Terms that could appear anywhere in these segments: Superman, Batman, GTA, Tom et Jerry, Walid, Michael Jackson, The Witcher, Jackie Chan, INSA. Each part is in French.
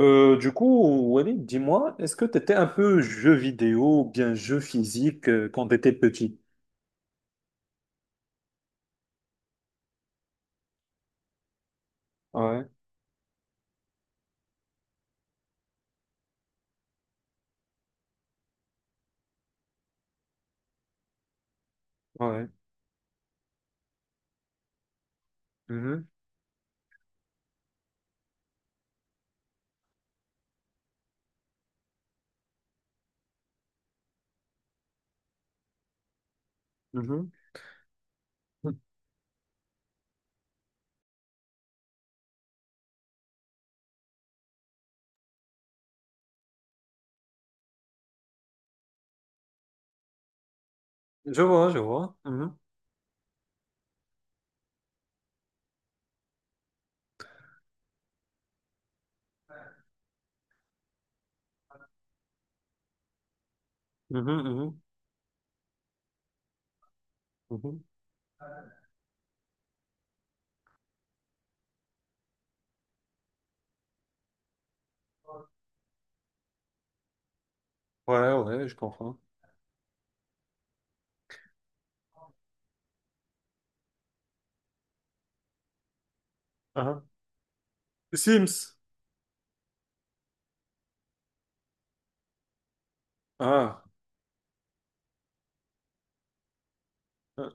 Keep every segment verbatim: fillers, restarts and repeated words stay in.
Euh, du coup, Walid, dis-moi, est-ce que tu étais un peu jeu vidéo ou bien jeu physique euh, quand tu étais petit? Ouais, ouais. Mhm, mhm. Je vois, je vois. Mhm, mhm, mhm, mhm. Ouais, ouais, je comprends. Ah. Sims. Ah. Euh,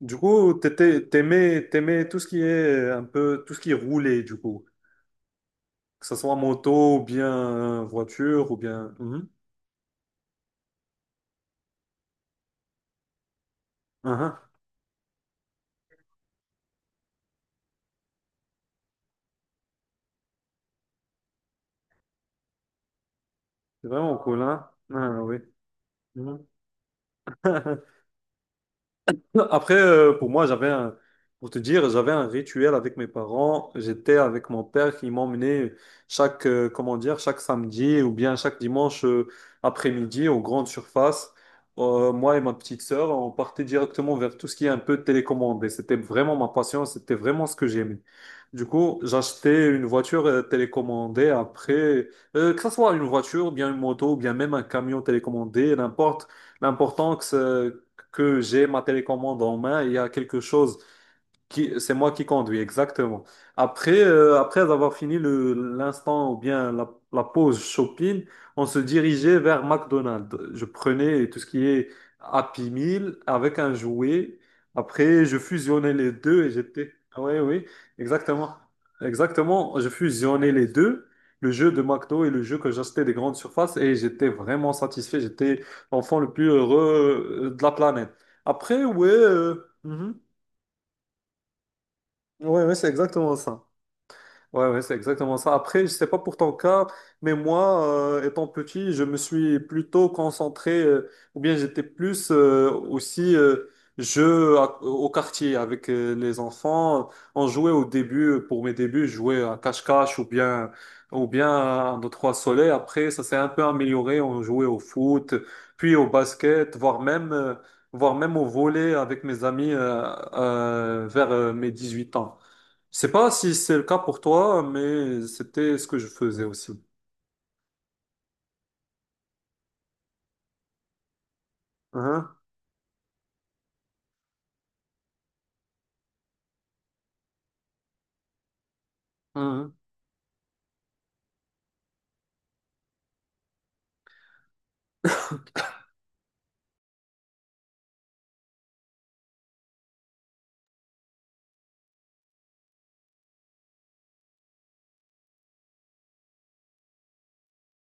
Du coup, t'étais, t'aimais, t'aimais tout ce qui est euh, un peu, tout ce qui est roulé, du coup. Que ce soit moto, ou bien euh, voiture, ou bien. Mhm. Ah, ah. C'est vraiment cool, hein? Ah, oui. Mhm. Après, euh, pour moi, j'avais un, pour te dire, j'avais un rituel avec mes parents. J'étais avec mon père qui m'emmenait chaque, euh, comment dire, chaque samedi ou bien chaque dimanche euh, après-midi aux grandes surfaces. Euh, moi et ma petite sœur, on partait directement vers tout ce qui est un peu télécommandé. C'était vraiment ma passion, c'était vraiment ce que j'aimais. Du coup, j'achetais une voiture euh, télécommandée après, euh, que ce soit une voiture, bien une moto, ou bien même un camion télécommandé, n'importe. L'important que c'est que j'ai ma télécommande en main, il y a quelque chose qui- c'est moi qui conduis, exactement. Après, euh, après avoir fini le, l'instant ou bien la, la pause shopping, on se dirigeait vers McDonald's. Je prenais tout ce qui est Happy Meal avec un jouet. Après, je fusionnais les deux et j'étais... Oui, oui, exactement. Exactement, je fusionnais les deux, le jeu de McDo et le jeu que j'achetais des grandes surfaces et j'étais vraiment satisfait. J'étais l'enfant le plus heureux euh, de la planète. Après, ouais... euh, Mhm. Ouais, ouais, c'est exactement ça. Ouais, ouais, c'est exactement ça. Après, je sais pas pour ton cas, mais moi, euh, étant petit, je me suis plutôt concentré, euh, ou bien j'étais plus euh, aussi euh, jeu à- au quartier avec euh, les enfants. On jouait au début, euh, pour mes débuts, je jouais à cache-cache ou bien ou bien à un, deux, trois soleils. Après, ça s'est un peu amélioré. On jouait au foot, puis au basket, voire même euh, voire même au volley avec mes amis euh, euh, vers euh, mes huit ans. Je sais pas si c'est le cas pour toi, mais c'était ce que je faisais aussi. Hein, hein.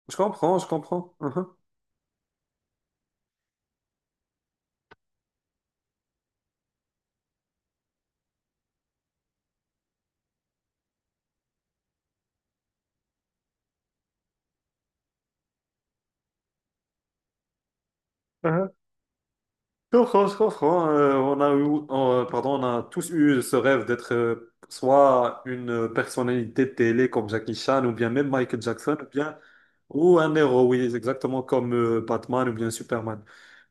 Je comprends, je comprends. Hein, hein. Je comprends, je comprends. Euh, on a eu, euh, pardon, on a tous eu ce rêve d'être euh, soit une personnalité de télé comme Jackie Chan ou bien même Michael Jackson ou bien ou un héros, oui, exactement comme euh, Batman ou bien Superman.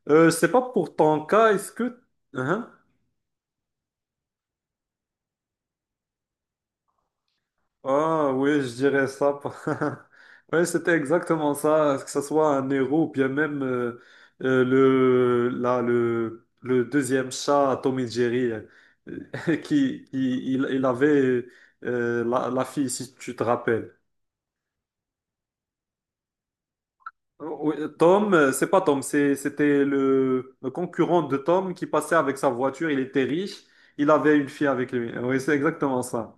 Euh, je sais pas pour ton cas, est-ce que hein? Ah oui, je dirais ça. Oui, c'était exactement ça, que ce soit un héros ou bien même euh, euh, le, là, le, le deuxième chat, Tom et Jerry, euh, qui, qui il, il avait euh, la, la fille, si tu te rappelles. Oh, oui, Tom, euh, c'est pas Tom, c'est- c'était le, le concurrent de Tom qui passait avec sa voiture, il était riche, il avait une fille avec lui. Oui, c'est exactement ça.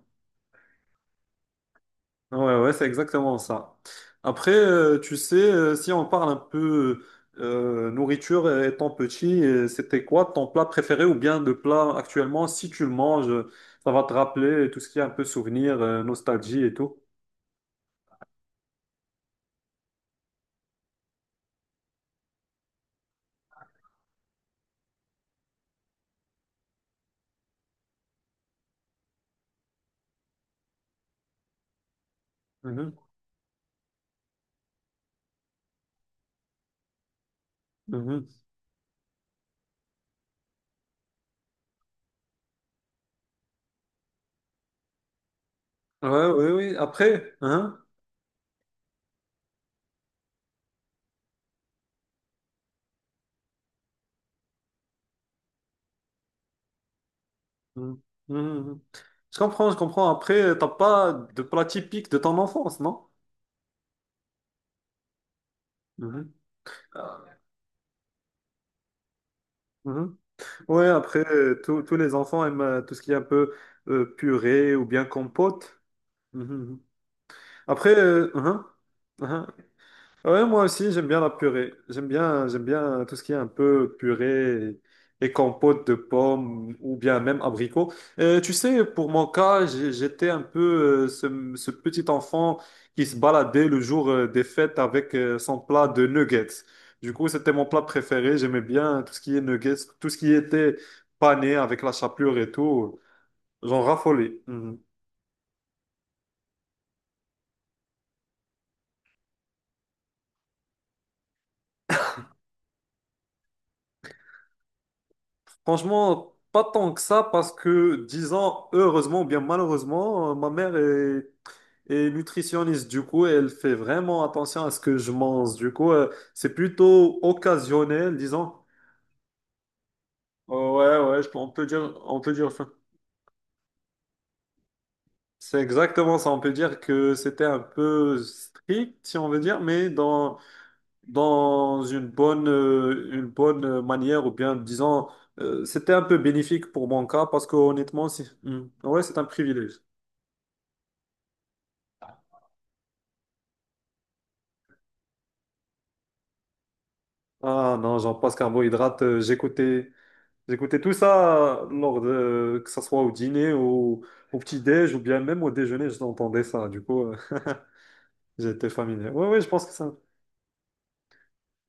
Ouais, ouais, c'est exactement ça. Après, euh, tu sais, euh, si on parle un peu euh, nourriture euh, étant petit, euh, c'était quoi ton plat préféré ou bien le plat actuellement, si tu le manges, euh, ça va te rappeler tout ce qui est un peu souvenir, euh, nostalgie et tout. Mhm, mhm. Ouais, oui, oui. Après, hein? Mhm, mhm. Mhm. Je comprends, je comprends. Après, t'as pas de plat typique de ton enfance, non? Mhm. Ah. Mhm. Ouais, après, euh, tous tous les enfants aiment euh, tout ce qui est un peu euh, purée ou bien compote. Mhm, mhm. Après, euh, hein, hein, ouais, moi aussi, j'aime bien la purée. J'aime bien, j'aime bien tout ce qui est un peu purée et, et compote de pommes ou bien même abricots. Euh, tu sais, pour mon cas, j'ai- j'étais un peu euh, ce, ce petit enfant qui se baladait le jour euh, des fêtes avec euh, son plat de nuggets. Du coup, c'était mon plat préféré. J'aimais bien tout ce qui est nuggets, tout ce qui était pané avec la chapelure et tout. J'en raffolais. Mhm. Franchement, pas tant que ça, parce que, disons, heureusement ou bien malheureusement, euh, ma mère est, est nutritionniste. Du coup, elle fait vraiment attention à ce que je mange. Du coup, euh, c'est plutôt occasionnel, disons. Euh, ouais, ouais, je peux- on peut dire, on peut dire ça. C'est exactement ça. On peut dire que c'était un peu strict, si on veut dire, mais dans, dans une bonne, euh, une bonne manière, ou bien, disons, euh, c'était un peu bénéfique pour mon cas, parce que honnêtement, c'est- Hmm. Ouais, c'est un privilège. Ah non, j'en passe carbohydrate. Euh, J'écoutais, j'écoutais tout ça euh, lors de, euh, que ça soit au dîner, au, au petit-déj ou bien même au déjeuner, j'entendais ça. Du coup, euh, j'étais familier. Oui, oui, je pense que ça.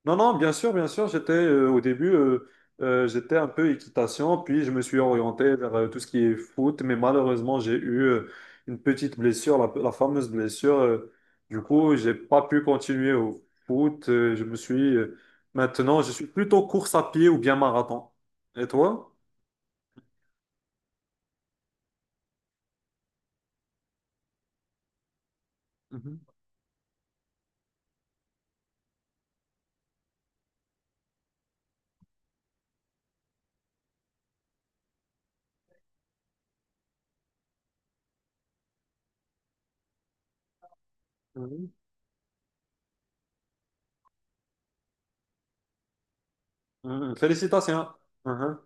Non, non, bien sûr, bien sûr. J'étais euh, au début, euh, euh, j'étais un peu équitation, puis je me suis orienté vers euh, tout ce qui est foot, mais malheureusement, j'ai eu euh, une petite blessure, la, la fameuse blessure. Euh, du coup, j'ai pas pu continuer au foot. Euh, je me suis euh, Maintenant, je suis plutôt course à pied ou bien marathon. Et toi? Mhm. Mhm. Mhm. Félicitations. Mhm.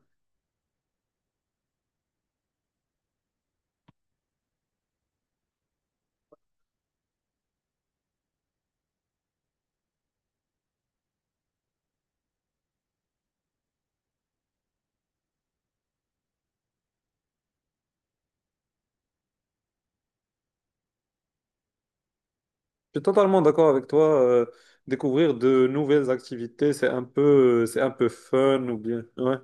Je suis totalement d'accord avec toi. Euh, découvrir de nouvelles activités, c'est un peu, c'est un peu fun ou bien. Ouais.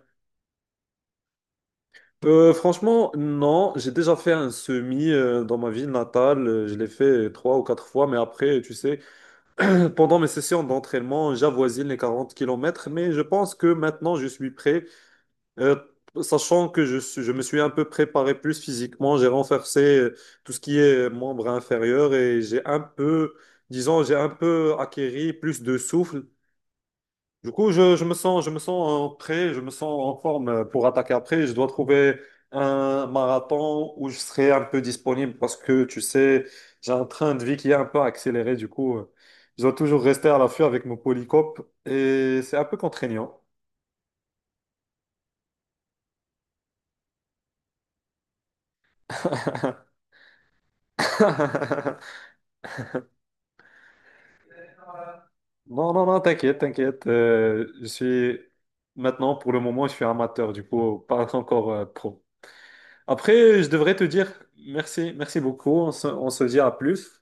Euh, franchement, non. J'ai déjà fait un semi euh, dans ma ville natale. Euh, Je l'ai fait trois ou quatre fois, mais après, tu sais, pendant mes sessions d'entraînement, j'avoisine les quarante kilomètres. Mais je pense que maintenant, je suis prêt. Euh, Sachant que je suis- je me suis un peu préparé plus physiquement, j'ai renforcé euh, tout ce qui est membre inférieur et j'ai un peu, disons, j'ai un peu acquéri plus de souffle. Du coup, je, je me sens, je me sens euh, prêt, je me sens en forme euh, pour attaquer après. Je dois trouver un marathon où je serai un peu disponible parce que, tu sais, j'ai un train de vie qui est un peu accéléré. Du coup, euh, je dois toujours rester à l'affût avec mon polycope et c'est un peu contraignant. Non, non, non, t'inquiète, t'inquiète. Euh, je suis maintenant, pour le moment, je suis amateur, du coup, pas encore euh, pro. Après, je devrais te dire merci, merci beaucoup. On se, on se dit à plus.